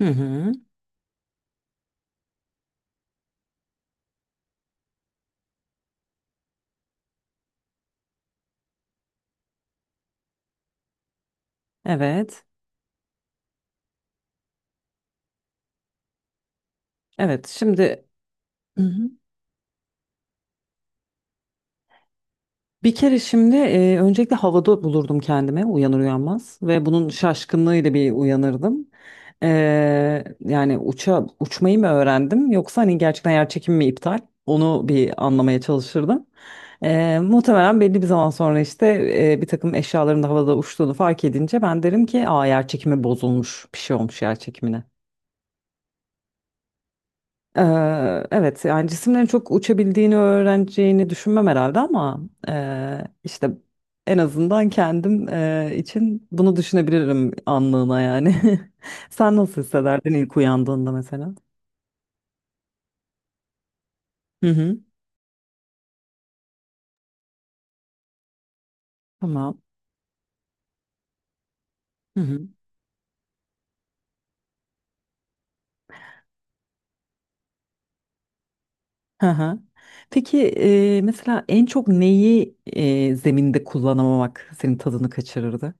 Hı hı. Evet. Evet. Şimdi hı hı, bir kere şimdi öncelikle havada bulurdum kendime uyanır uyanmaz ve bunun şaşkınlığıyla bir uyanırdım. Yani uçmayı mı öğrendim yoksa hani gerçekten yer çekimi mi iptal? Onu bir anlamaya çalışırdım. Muhtemelen belli bir zaman sonra işte bir takım eşyaların da havada uçtuğunu fark edince ben derim ki aa, yer çekimi bozulmuş, bir şey olmuş yer çekimine. Evet, yani cisimlerin çok uçabildiğini öğreneceğini düşünmem herhalde ama işte en azından kendim için bunu düşünebilirim anlığına yani. Sen nasıl hissederdin ilk uyandığında mesela? Hı hı. Tamam. Hı hı. Hı hı. Peki mesela en çok neyi zeminde kullanamamak senin tadını kaçırırdı?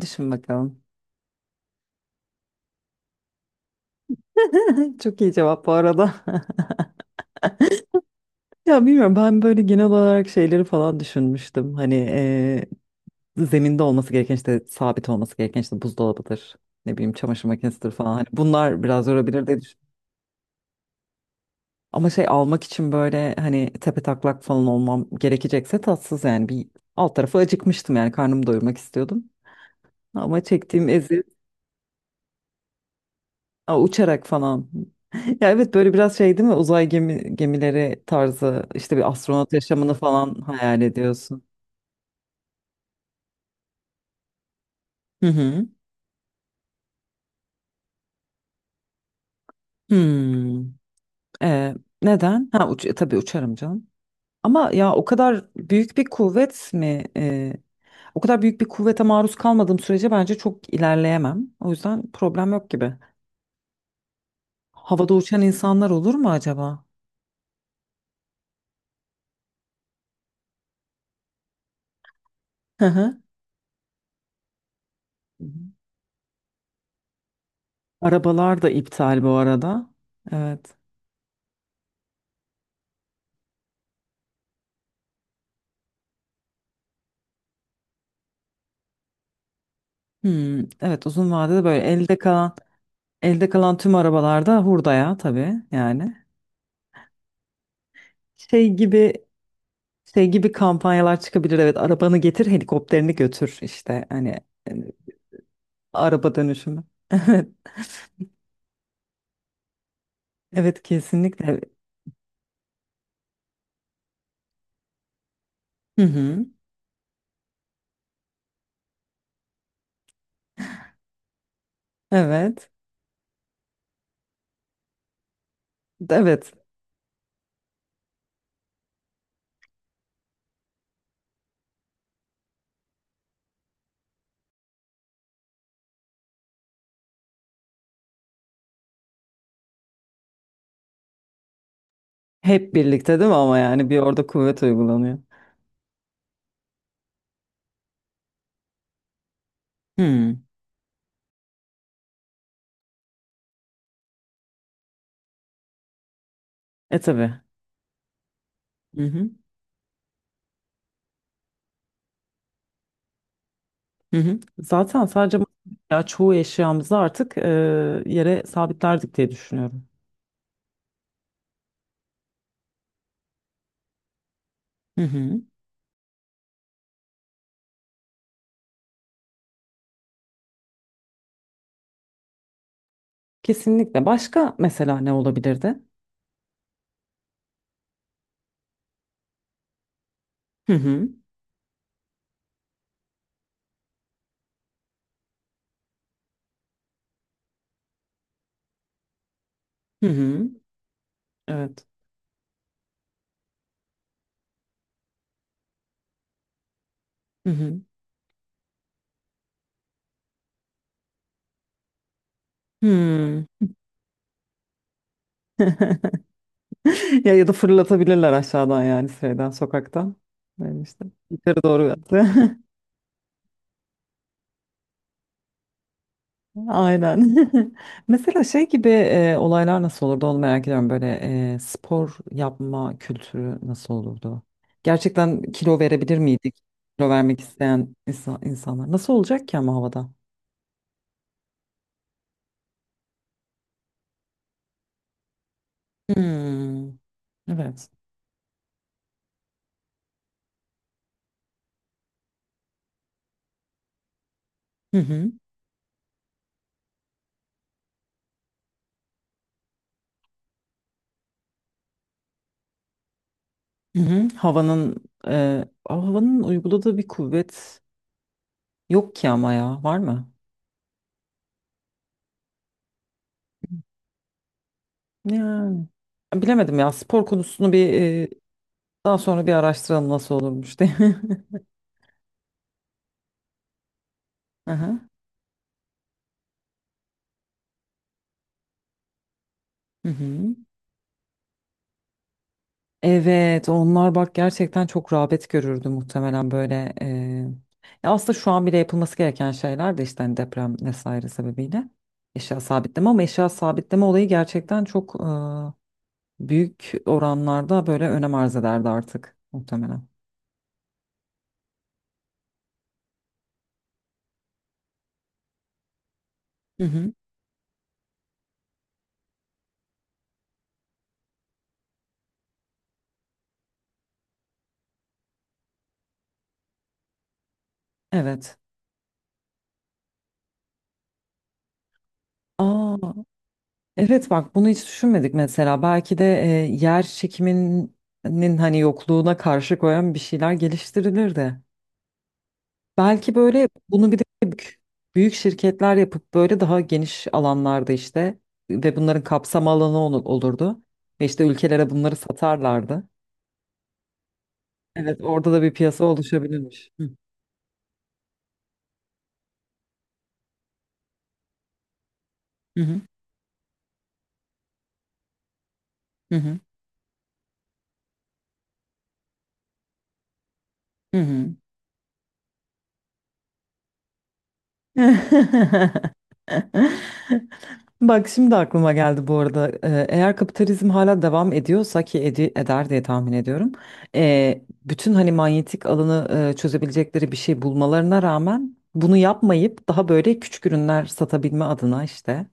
Düşün bakalım. Çok iyi cevap bu arada. Ya bilmiyorum, ben böyle genel olarak şeyleri falan düşünmüştüm. Hani zeminde olması gereken, işte sabit olması gereken, işte buzdolabıdır. Ne bileyim, çamaşır makinesidir falan. Hani bunlar biraz yorabilir diye düşünüyorum. Ama şey almak için böyle hani tepetaklak falan olmam gerekecekse tatsız yani, bir alt tarafı acıkmıştım yani, karnımı doyurmak istiyordum. Ama çektiğim eziyet. Aa, uçarak falan. Ya evet, böyle biraz şey değil mi, uzay gemi, gemileri tarzı, işte bir astronot yaşamını falan hayal ediyorsun. Hı hı. Hmm. Ee, Neden? Ha uç, tabii uçarım canım. Ama ya o kadar büyük bir kuvvet mi? O kadar büyük bir kuvvete maruz kalmadığım sürece bence çok ilerleyemem. O yüzden problem yok gibi. Havada uçan insanlar olur mu acaba? Hı hı. Hı hı. Arabalar da iptal bu arada. Evet. Hmm, evet, uzun vadede böyle elde kalan, elde kalan tüm arabalarda hurdaya tabii yani. Şey gibi, şey gibi kampanyalar çıkabilir, evet, arabanı getir helikopterini götür işte hani. Araba dönüşümü. Evet. Evet kesinlikle. Hı hı. Evet. Evet. Hep birlikte değil mi ama, yani bir orada kuvvet uygulanıyor. Hmm. E tabii. Hı hı. Hı hı. Zaten sadece ya çoğu eşyamızı artık yere sabitlerdik diye düşünüyorum. Hı hı. Kesinlikle. Başka mesela ne olabilirdi? Hı hı. Hı hı. Evet. Hı hı. Hmm. Ya ya da fırlatabilirler aşağıdan, yani şeyden, sokaktan. Yani işte yukarı doğru yaptı. Aynen. Mesela şey gibi olaylar nasıl olurdu onu merak ediyorum. Böyle spor yapma kültürü nasıl olurdu? Gerçekten kilo verebilir miydik? Kilo vermek isteyen insan, insanlar. Nasıl olacak ki ama havada? Hmm, evet. Hı hı. Hı hı. Havanın havanın uyguladığı bir kuvvet yok ki ama, ya var mı? Yani bilemedim ya, spor konusunu bir daha sonra bir araştıralım nasıl olurmuş diye. Aha. Hı hı. Evet, onlar bak gerçekten çok rağbet görürdü muhtemelen böyle. Ya aslında şu an bile yapılması gereken şeyler de işte, hani deprem vesaire sebebiyle eşya sabitleme, ama eşya sabitleme olayı gerçekten çok büyük oranlarda böyle önem arz ederdi artık muhtemelen. Hı hı. Evet. Aa, evet bak, bunu hiç düşünmedik mesela. Belki de yer çekiminin hani yokluğuna karşı koyan bir şeyler geliştirilirdi. Belki böyle bunu bir de büyük şirketler yapıp böyle daha geniş alanlarda işte ve bunların kapsam alanı olurdu. Ve işte ülkelere bunları satarlardı. Evet, orada da bir piyasa oluşabilirmiş. Hı hı hı hı. Hı hı. Bak, şimdi aklıma geldi bu arada. Eğer kapitalizm hala devam ediyorsa ki eder diye tahmin ediyorum. Bütün hani manyetik alanı çözebilecekleri bir şey bulmalarına rağmen bunu yapmayıp daha böyle küçük ürünler satabilme adına, işte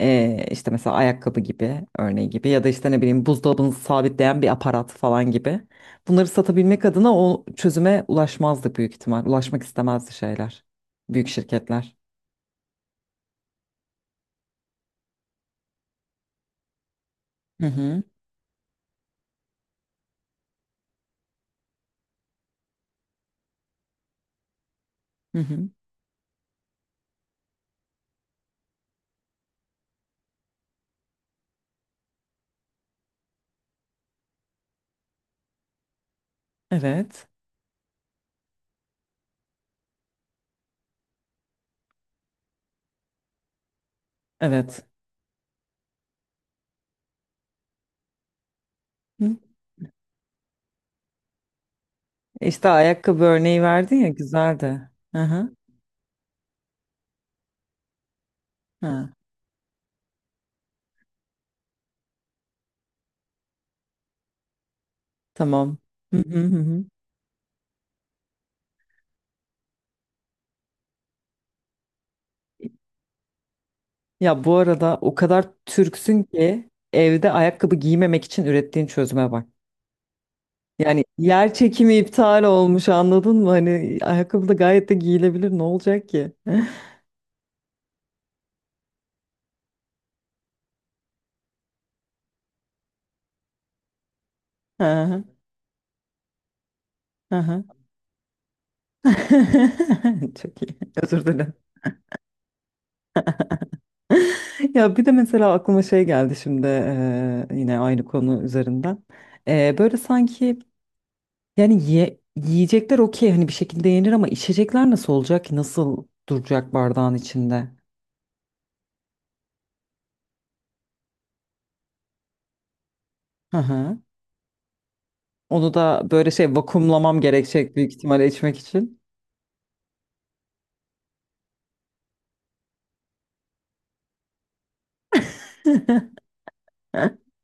işte mesela ayakkabı gibi, örneği gibi, ya da işte ne bileyim buzdolabını sabitleyen bir aparat falan gibi, bunları satabilmek adına o çözüme ulaşmazdı büyük ihtimal. Ulaşmak istemezdi şeyler. Büyük şirketler. Hı hı. Hı hı. Evet. Evet. Hı. İşte ayakkabı örneği verdin ya, güzeldi. Hı hı. Ha, tamam. Hı hı hı. Hı. Ya bu arada o kadar Türksün ki evde ayakkabı giymemek için ürettiğin çözüme bak. Yani yer çekimi iptal olmuş, anladın mı? Hani ayakkabı da gayet de giyilebilir, ne olacak ki? Hı hı. Hı hı. Çok iyi. Özür dilerim. Ya bir de mesela aklıma şey geldi şimdi, yine aynı konu üzerinden. Böyle sanki yani yiyecekler okey, hani bir şekilde yenir ama içecekler nasıl olacak ki? Nasıl duracak bardağın içinde? Hı hı. Onu da böyle şey, vakumlamam gerekecek büyük ihtimalle içmek için.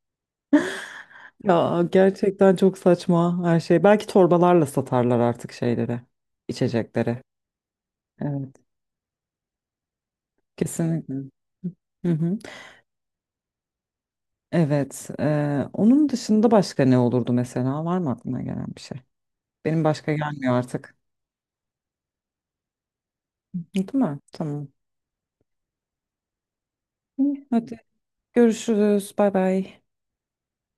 Ya gerçekten çok saçma her şey. Belki torbalarla satarlar artık şeyleri, içecekleri. Evet, kesinlikle. Hı hı. Evet. Onun dışında başka ne olurdu mesela? Var mı aklına gelen bir şey? Benim başka gelmiyor artık. Değil mi? Tamam. İyi, hadi görüşürüz. Bay bay.